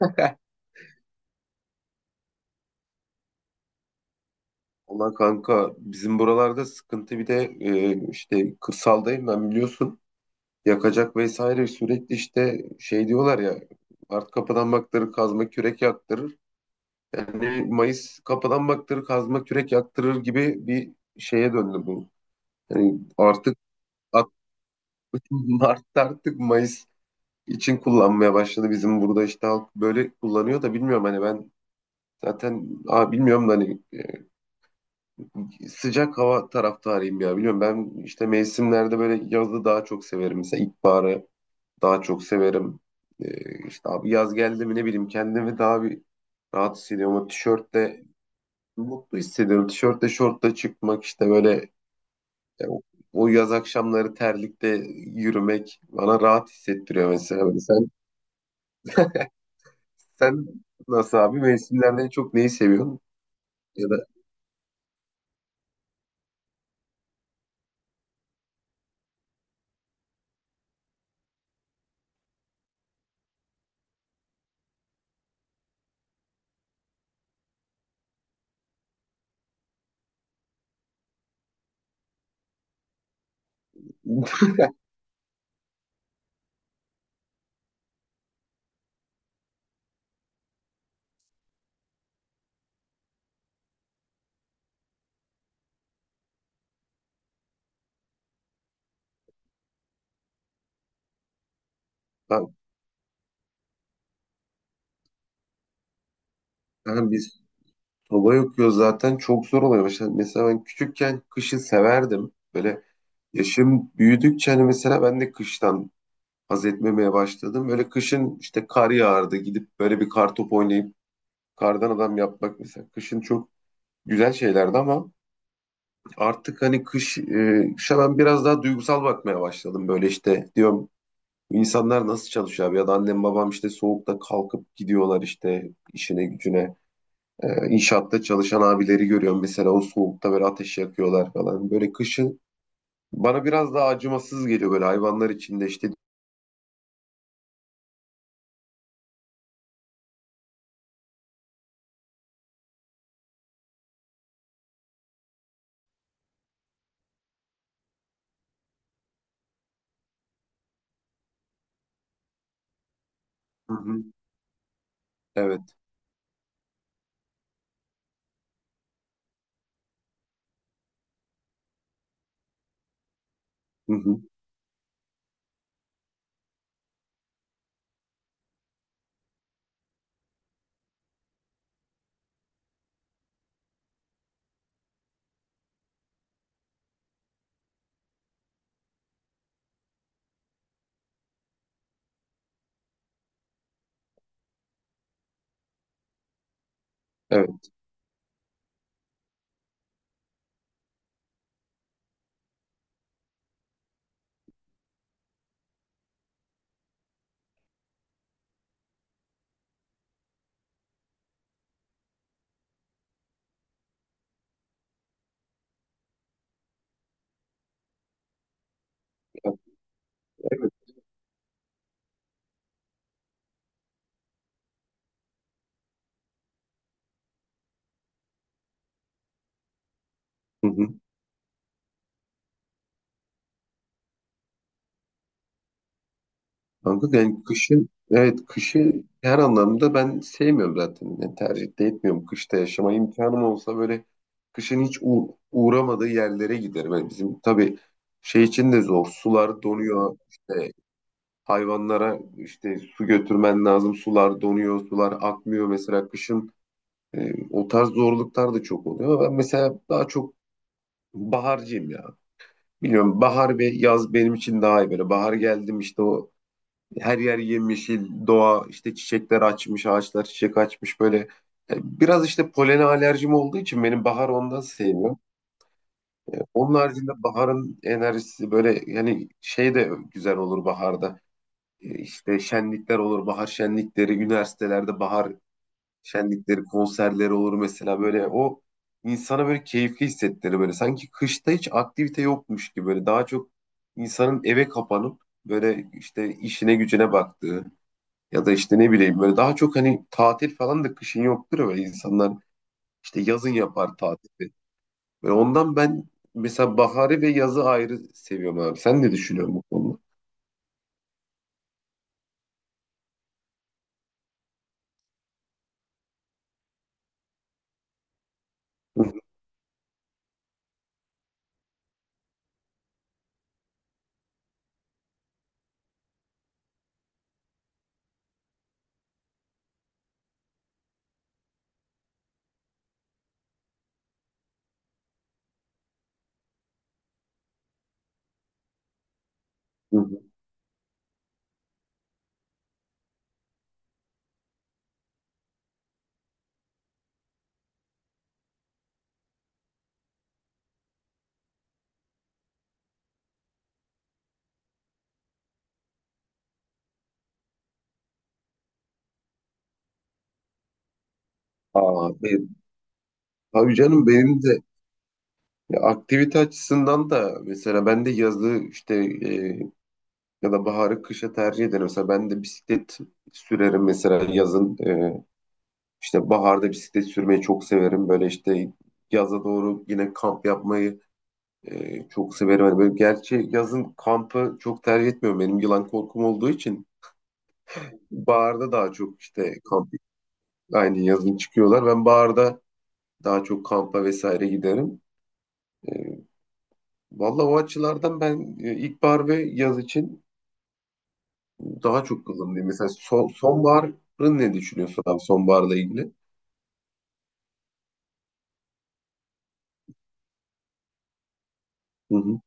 Heh. Ona kanka bizim buralarda sıkıntı bir de işte kırsaldayım ben biliyorsun. Yakacak vesaire sürekli işte şey diyorlar ya art kapıdan baktırır kazma kürek yaktırır. Yani Mayıs kapıdan baktırır kazma kürek yaktırır gibi bir şeye döndü bu. Yani artık at- Mart artık Mayıs için kullanmaya başladı. Bizim burada işte halk böyle kullanıyor da bilmiyorum hani ben zaten bilmiyorum da hani sıcak hava taraftarıyım ya. Biliyorum ben işte mevsimlerde böyle yazı daha çok severim. Mesela ilkbaharı daha çok severim. İşte abi yaz geldi mi ne bileyim kendimi daha bir rahat hissediyorum. O tişörtle mutlu hissediyorum. Tişörtle şortla çıkmak işte böyle e, o, o yaz akşamları terlikte yürümek bana rahat hissettiriyor mesela. Böyle sen nasıl abi mevsimlerden en çok neyi seviyorsun? Ya da ben, ha, biz, hava yakıyor zaten çok zor oluyor. Mesela ben küçükken kışı severdim. Böyle yaşım büyüdükçe hani mesela ben de kıştan haz etmemeye başladım. Böyle kışın işte kar yağardı, gidip böyle bir kar topu oynayıp kardan adam yapmak mesela. Kışın çok güzel şeylerdi ama artık hani kış, kışa ben biraz daha duygusal bakmaya başladım. Böyle işte diyorum, "Bu insanlar nasıl çalışıyor abi ya da annem babam işte soğukta kalkıp gidiyorlar işte işine gücüne." İnşaatta çalışan abileri görüyorum mesela, o soğukta böyle ateş yakıyorlar falan. Böyle kışın bana biraz daha acımasız geliyor böyle, hayvanlar içinde işte. Hı hı, evet. Hı hı, evet. Hı hı. Kanka yani kışın, evet, kışı her anlamda ben sevmiyorum zaten. Yani tercih de etmiyorum, kışta yaşama imkanım olsa böyle kışın hiç uğramadığı yerlere giderim. Yani bizim tabii şey için de zor. Sular donuyor, işte hayvanlara işte su götürmen lazım. Sular donuyor, sular akmıyor. Mesela kışın o tarz zorluklar da çok oluyor. Ben mesela daha çok baharcıyım ya. Biliyorum bahar ve yaz benim için daha iyi böyle. Bahar geldim işte, o her yer yemyeşil, doğa işte çiçekler açmış, ağaçlar çiçek açmış böyle. E, Biraz işte polene alerjim olduğu için benim bahar ondan sevmiyorum. Onun haricinde baharın enerjisi böyle yani, şey de güzel olur baharda. İşte şenlikler olur, bahar şenlikleri, üniversitelerde bahar şenlikleri, konserleri olur mesela, böyle o insana böyle keyifli hissettirir böyle. Sanki kışta hiç aktivite yokmuş gibi, böyle daha çok insanın eve kapanıp böyle işte işine gücüne baktığı ya da işte ne bileyim, böyle daha çok hani tatil falan da kışın yoktur ya, böyle insanlar işte yazın yapar tatili. Ve ondan ben mesela baharı ve yazı ayrı seviyorum abi. Sen ne düşünüyorsun bu konuda? Hı hı. Aa, ben, tabii canım, benim de. Ya aktivite açısından da mesela ben de yazı işte, ya da baharı kışa tercih ederim. Mesela ben de bisiklet sürerim mesela yazın, işte baharda bisiklet sürmeyi çok severim. Böyle işte yaza doğru yine kamp yapmayı çok severim. Hani böyle gerçi yazın kampı çok tercih etmiyorum. Benim yılan korkum olduğu için baharda daha çok işte kamp, aynı yazın çıkıyorlar. Ben baharda daha çok kampa vesaire giderim. E, Valla o açılardan ben ilkbahar ve yaz için daha çok kullanılıyor. Mesela sonbaharın ne düşünüyorsun abi, sonbaharla ilgili? Hı hı.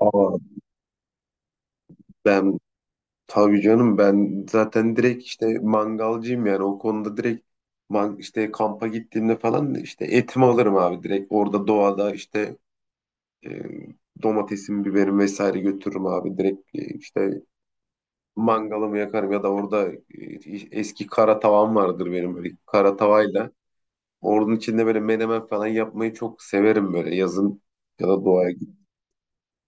Aa, ben, tabii canım, ben zaten direkt işte mangalcıyım yani, o konuda direkt işte kampa gittiğimde falan işte etimi alırım abi, direkt orada doğada işte e, domatesim, biberim vesaire götürürüm abi, direkt işte mangalımı yakarım ya da orada eski kara tavam vardır benim, böyle kara tavayla onun içinde böyle menemen falan yapmayı çok severim böyle yazın, ya da doğaya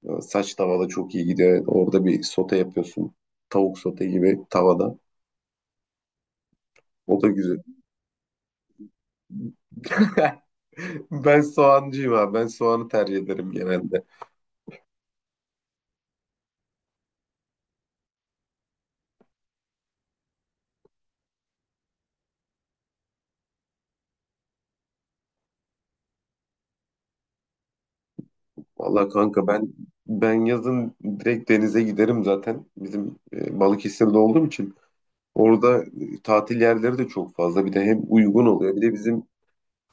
gidiyor. Saç tavada çok iyi gidiyor. Orada bir sote yapıyorsun. Tavuk sote gibi, tavada. O da güzel. Ben soğancıyım abi. Ben soğanı tercih ederim genelde. Vallahi kanka ben yazın direkt denize giderim zaten. Bizim Balıkesir'de olduğum için, orada tatil yerleri de çok fazla. Bir de hem uygun oluyor. Bir de bizim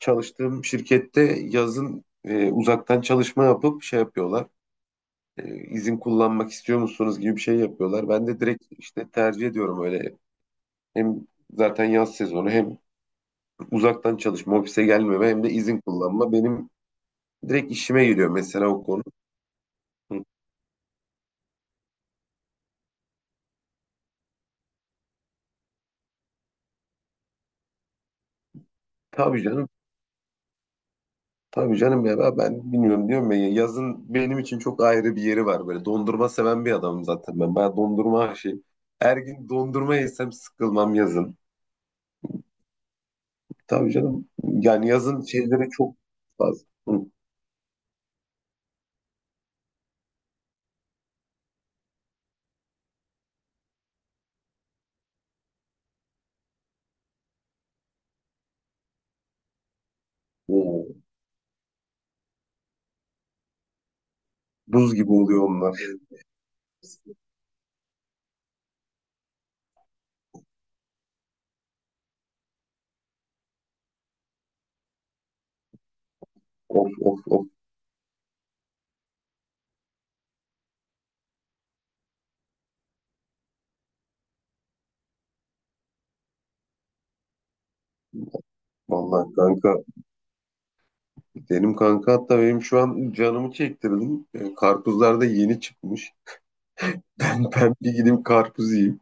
çalıştığım şirkette yazın uzaktan çalışma yapıp şey yapıyorlar. İzin kullanmak istiyor musunuz gibi bir şey yapıyorlar. Ben de direkt işte tercih ediyorum öyle. Hem zaten yaz sezonu, hem uzaktan çalışma, ofise gelmeme, hem de izin kullanma benim direkt işime geliyor mesela, o konu. Hı. Tabii canım. Tabii canım ya, ben bilmiyorum diyorum ya, yazın benim için çok ayrı bir yeri var böyle, dondurma seven bir adamım zaten ben. Ben dondurma aşığım. Her gün dondurma yesem sıkılmam yazın. Tabii canım, yani yazın şeyleri çok fazla. Hı. Oo, buz gibi oluyor onlar. Of of of. Vallahi kanka, benim kanka hatta, benim şu an canımı çektirdim. Karpuzlar da yeni çıkmış. Ben bir gideyim karpuz yiyeyim.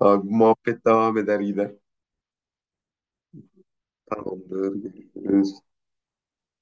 Abi bu muhabbet devam eder gider. Tamamdır. Görüşürüz.